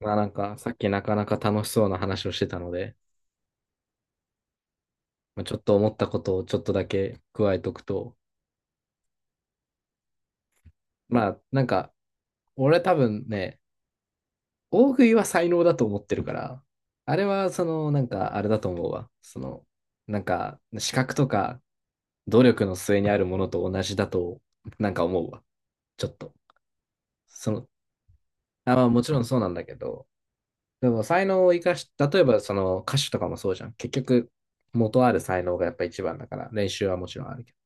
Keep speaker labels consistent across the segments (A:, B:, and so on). A: まあなんかさっきなかなか楽しそうな話をしてたので、まあ、ちょっと思ったことをちょっとだけ加えとくと、まあなんか俺多分ね、大食いは才能だと思ってるから、あれはそのなんかあれだと思うわ。そのなんか資格とか努力の末にあるものと同じだとなんか思うわ。ちょっと。その、あ、まあもちろんそうなんだけど、でも才能を生かし、例えばその歌手とかもそうじゃん。結局元ある才能がやっぱ一番だから練習はもちろんあるけど。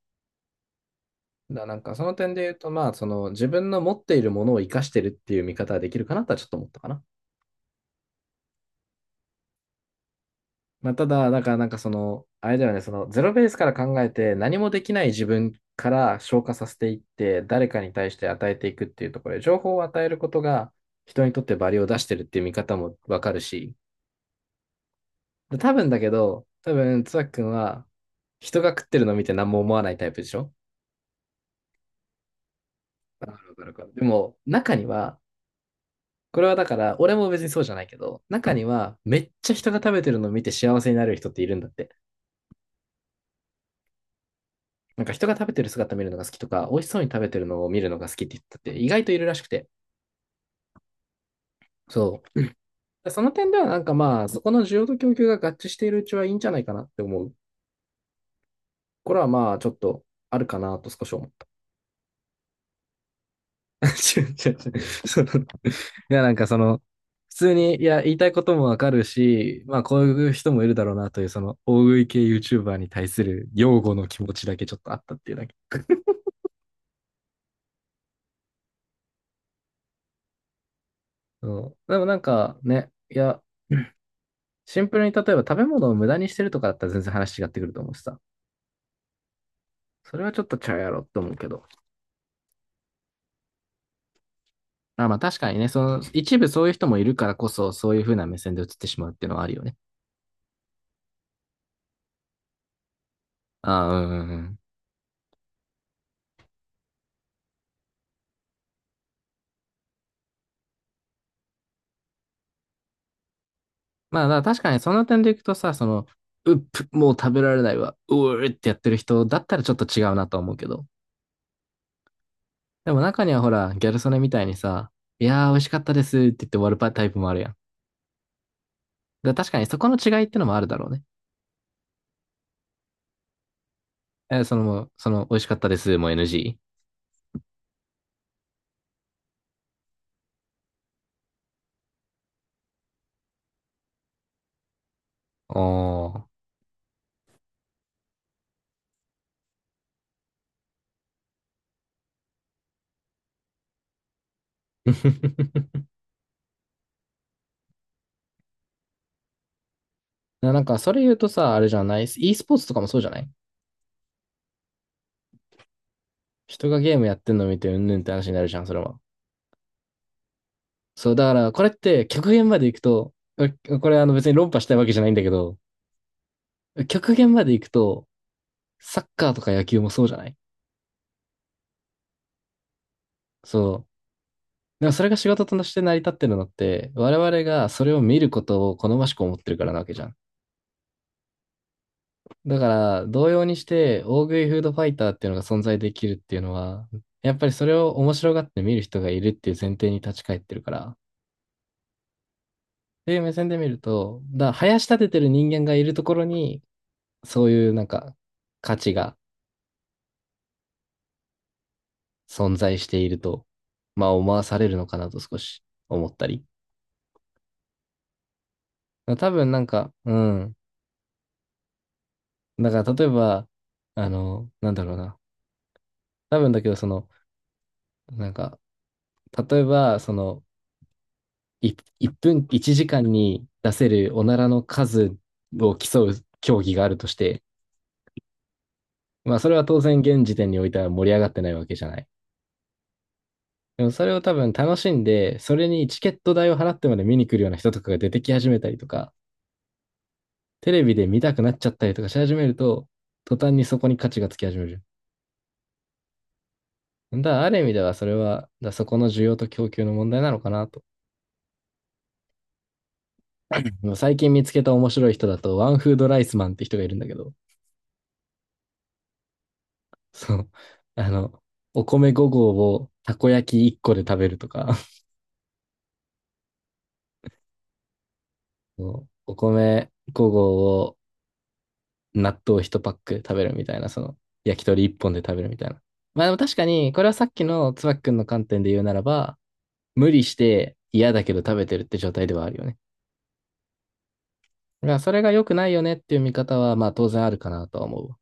A: なんかその点で言うと、まあ、その自分の持っているものを生かしてるっていう見方はできるかなとはちょっと思ったかな。まあ、ただ、だからなんかその、あれだよね、そのゼロベースから考えて何もできない自分から消化させていって、誰かに対して与えていくっていうところで、情報を与えることが人にとってバリを出してるっていう見方もわかるし、で多分だけど、多分、つわきくんは人が食ってるのを見て何も思わないタイプでしょ。わかるわかるわかる。でも、中には、これはだから、俺も別にそうじゃないけど、中にはめっちゃ人が食べてるのを見て幸せになる人っているんだって。なんか人が食べてる姿見るのが好きとか、美味しそうに食べてるのを見るのが好きって言ったって意外といるらしくて。そう。その点ではなんかまあ、そこの需要と供給が合致しているうちはいいんじゃないかなって思う。これはまあ、ちょっとあるかなと少し思う。違う違う違う。そのいや、なんかその、普通に、いや、言いたいこともわかるし、まあ、こういう人もいるだろうなという、その、大食い系 YouTuber に対する擁護の気持ちだけちょっとあったっていうだけ。そう。でもなんかね、いや、シンプルに例えば食べ物を無駄にしてるとかだったら全然話違ってくると思うしさ。それはちょっとちゃうやろって思うけど。あ、まあ確かにね、その、一部そういう人もいるからこそ、そういう風な目線で映ってしまうっていうのはあるよね。ああ、うんうんうん。まあ、だから確かにその点でいくとさ、その、うっぷ、もう食べられないわ、うーってやってる人だったらちょっと違うなとは思うけど。でも中にはほら、ギャル曽根みたいにさ、いやー美味しかったですって言って終わるパタイプもあるやん。だから確かにそこの違いってのもあるだろうね。その、その、美味しかったですも NG？ おー。なんか、それ言うとさ、あれじゃない？ e スポーツとかもそうじゃない。人がゲームやってんの見てうんぬんって話になるじゃん、それは。そう、だから、これって極限まで行くと、これあの別に論破したいわけじゃないんだけど、極限まで行くと、サッカーとか野球もそうじゃない。そう。でもそれが仕事として成り立ってるのって、我々がそれを見ることを好ましく思ってるからなわけじゃん。だから、同様にして、大食いフードファイターっていうのが存在できるっていうのは、やっぱりそれを面白がって見る人がいるっていう前提に立ち返ってるから。っていう目線で見ると、林立ててる人間がいるところに、そういうなんか、価値が存在していると、まあ思わされるのかなと少し思ったり。多分なんか、うん。だから例えば、あの、なんだろうな。多分だけど、その、なんか、例えば、その、1分、1時間に出せるおならの数を競う競技があるとして、まあそれは当然現時点においては盛り上がってないわけじゃない。でもそれを多分楽しんで、それにチケット代を払ってまで見に来るような人とかが出てき始めたりとか、テレビで見たくなっちゃったりとかし始めると、途端にそこに価値がつき始める。だからある意味ではそれは、だからそこの需要と供給の問題なのかなと。でも最近見つけた面白い人だと、ワンフードライスマンって人がいるんだけど、そう、あの、お米5合をたこ焼き1個で食べるとか、そうお米5合を納豆1パック食べるみたいな、その、焼き鳥1本で食べるみたいな。まあでも確かに、これはさっきのつばきくんの観点で言うならば、無理して嫌だけど食べてるって状態ではあるよね。だからそれが良くないよねっていう見方は、まあ当然あるかなとは思うわ。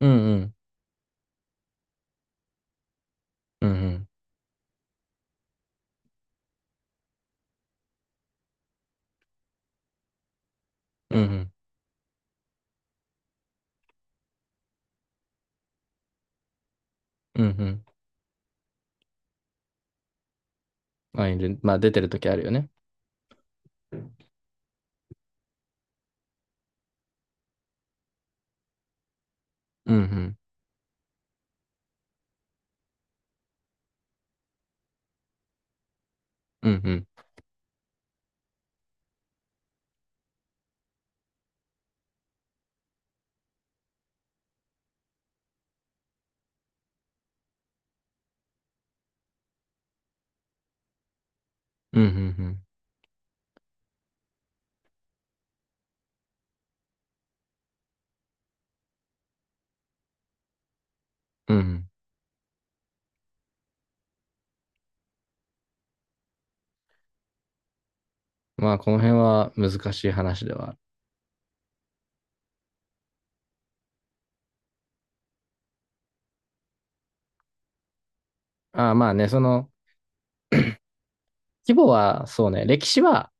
A: うんうん。うんうん。うんうん。うんうん。まあ、いる。まあ、出てる時あるよね。うんうん。うんうん。うんうんうん。うん。まあ、この辺は難しい話ではある。ああ、まあね、その、規模は、そうね、歴史は、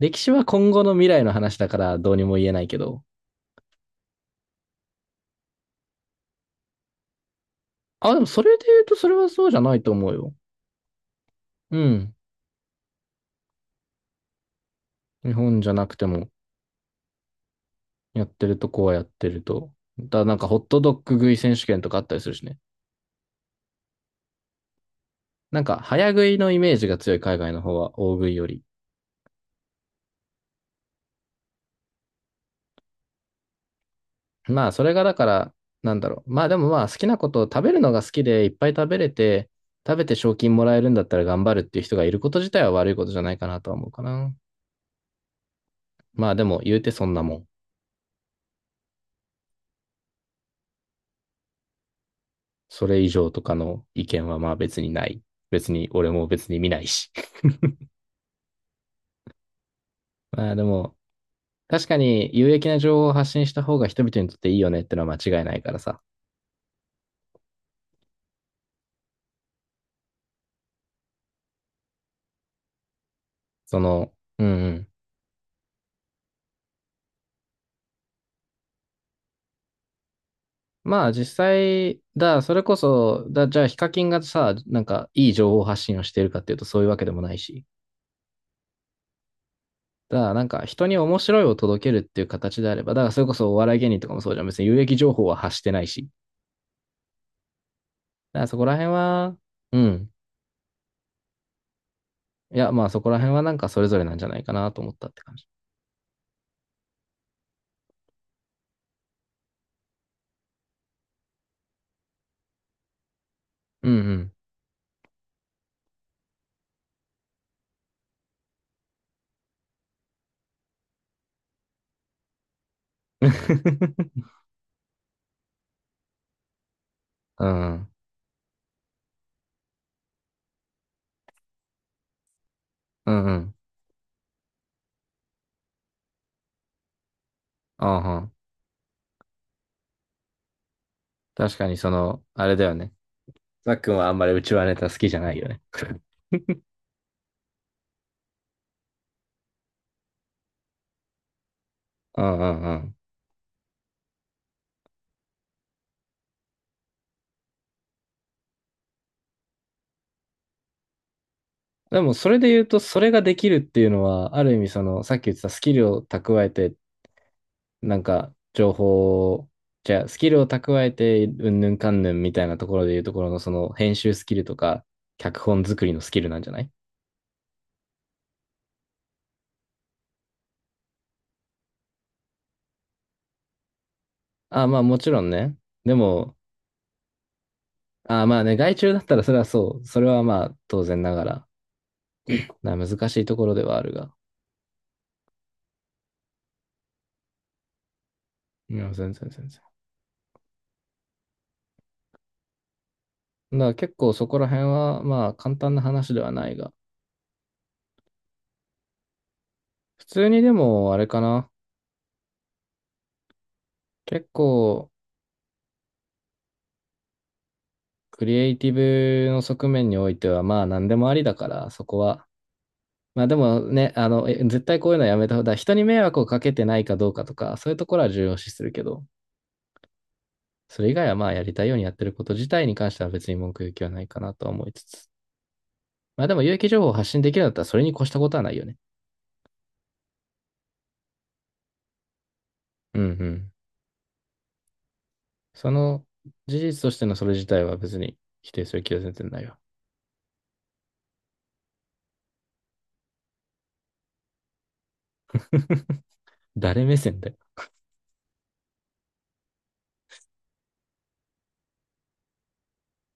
A: 歴史は今後の未来の話だからどうにも言えないけど。あ、でもそれで言うとそれはそうじゃないと思うよ。うん。日本じゃなくても、やってるとこはやってると。なんかホットドッグ食い選手権とかあったりするしね。なんか、早食いのイメージが強い海外の方は、大食いより。まあ、それがだから、なんだろう。まあ、でもまあ、好きなことを食べるのが好きで、いっぱい食べれて、食べて賞金もらえるんだったら頑張るっていう人がいること自体は悪いことじゃないかなとは思うかな。まあ、でも、言うてそんなもん。それ以上とかの意見はまあ別にない。別に、俺も別に見ないし。まあ、でも、確かに有益な情報を発信した方が人々にとっていいよねってのは間違いないからさ。その、うんうん。まあ実際、それこそ、じゃあヒカキンがさ、なんかいい情報発信をしているかっていうとそういうわけでもないし、なんか人に面白いを届けるっていう形であれば、だからそれこそお笑い芸人とかもそうじゃん、別に有益情報は発してないし、だからそこら辺は、うん。いや、まあそこら辺はなんかそれぞれなんじゃないかなと思ったって感じ。うんうん。うん、うん、うん。ああはん、確かにその、あれだよね。ザックンはあんまりうちわネタ好きじゃないよね。うんうんうん。でも、それで言うと、それができるっていうのは、ある意味、その、さっき言ってたスキルを蓄えて、なんか、情報を、じゃあ、スキルを蓄えて、うんぬんかんぬんみたいなところで言うところの、その、編集スキルとか、脚本作りのスキルなんじゃない？ああ、まあ、もちろんね。でも、ああ、まあね、外注だったら、それはそう。それはまあ、当然ながら、難しいところではあるが。いや、全然全然。だから結構そこら辺は、まあ、簡単な話ではないが。普通にでも、あれかな。結構、クリエイティブの側面においては、まあ何でもありだから、そこは。まあでもね、あの、絶対こういうのはやめた方が、人に迷惑をかけてないかどうかとか、そういうところは重要視するけど、それ以外はまあやりたいようにやってること自体に関しては別に文句言う気はないかなとは思いつつ。まあでも有益情報を発信できるんだったらそれに越したことはないよね。うんうん。その事実としてのそれ自体は別に否定する気は全然ないわ。誰目線で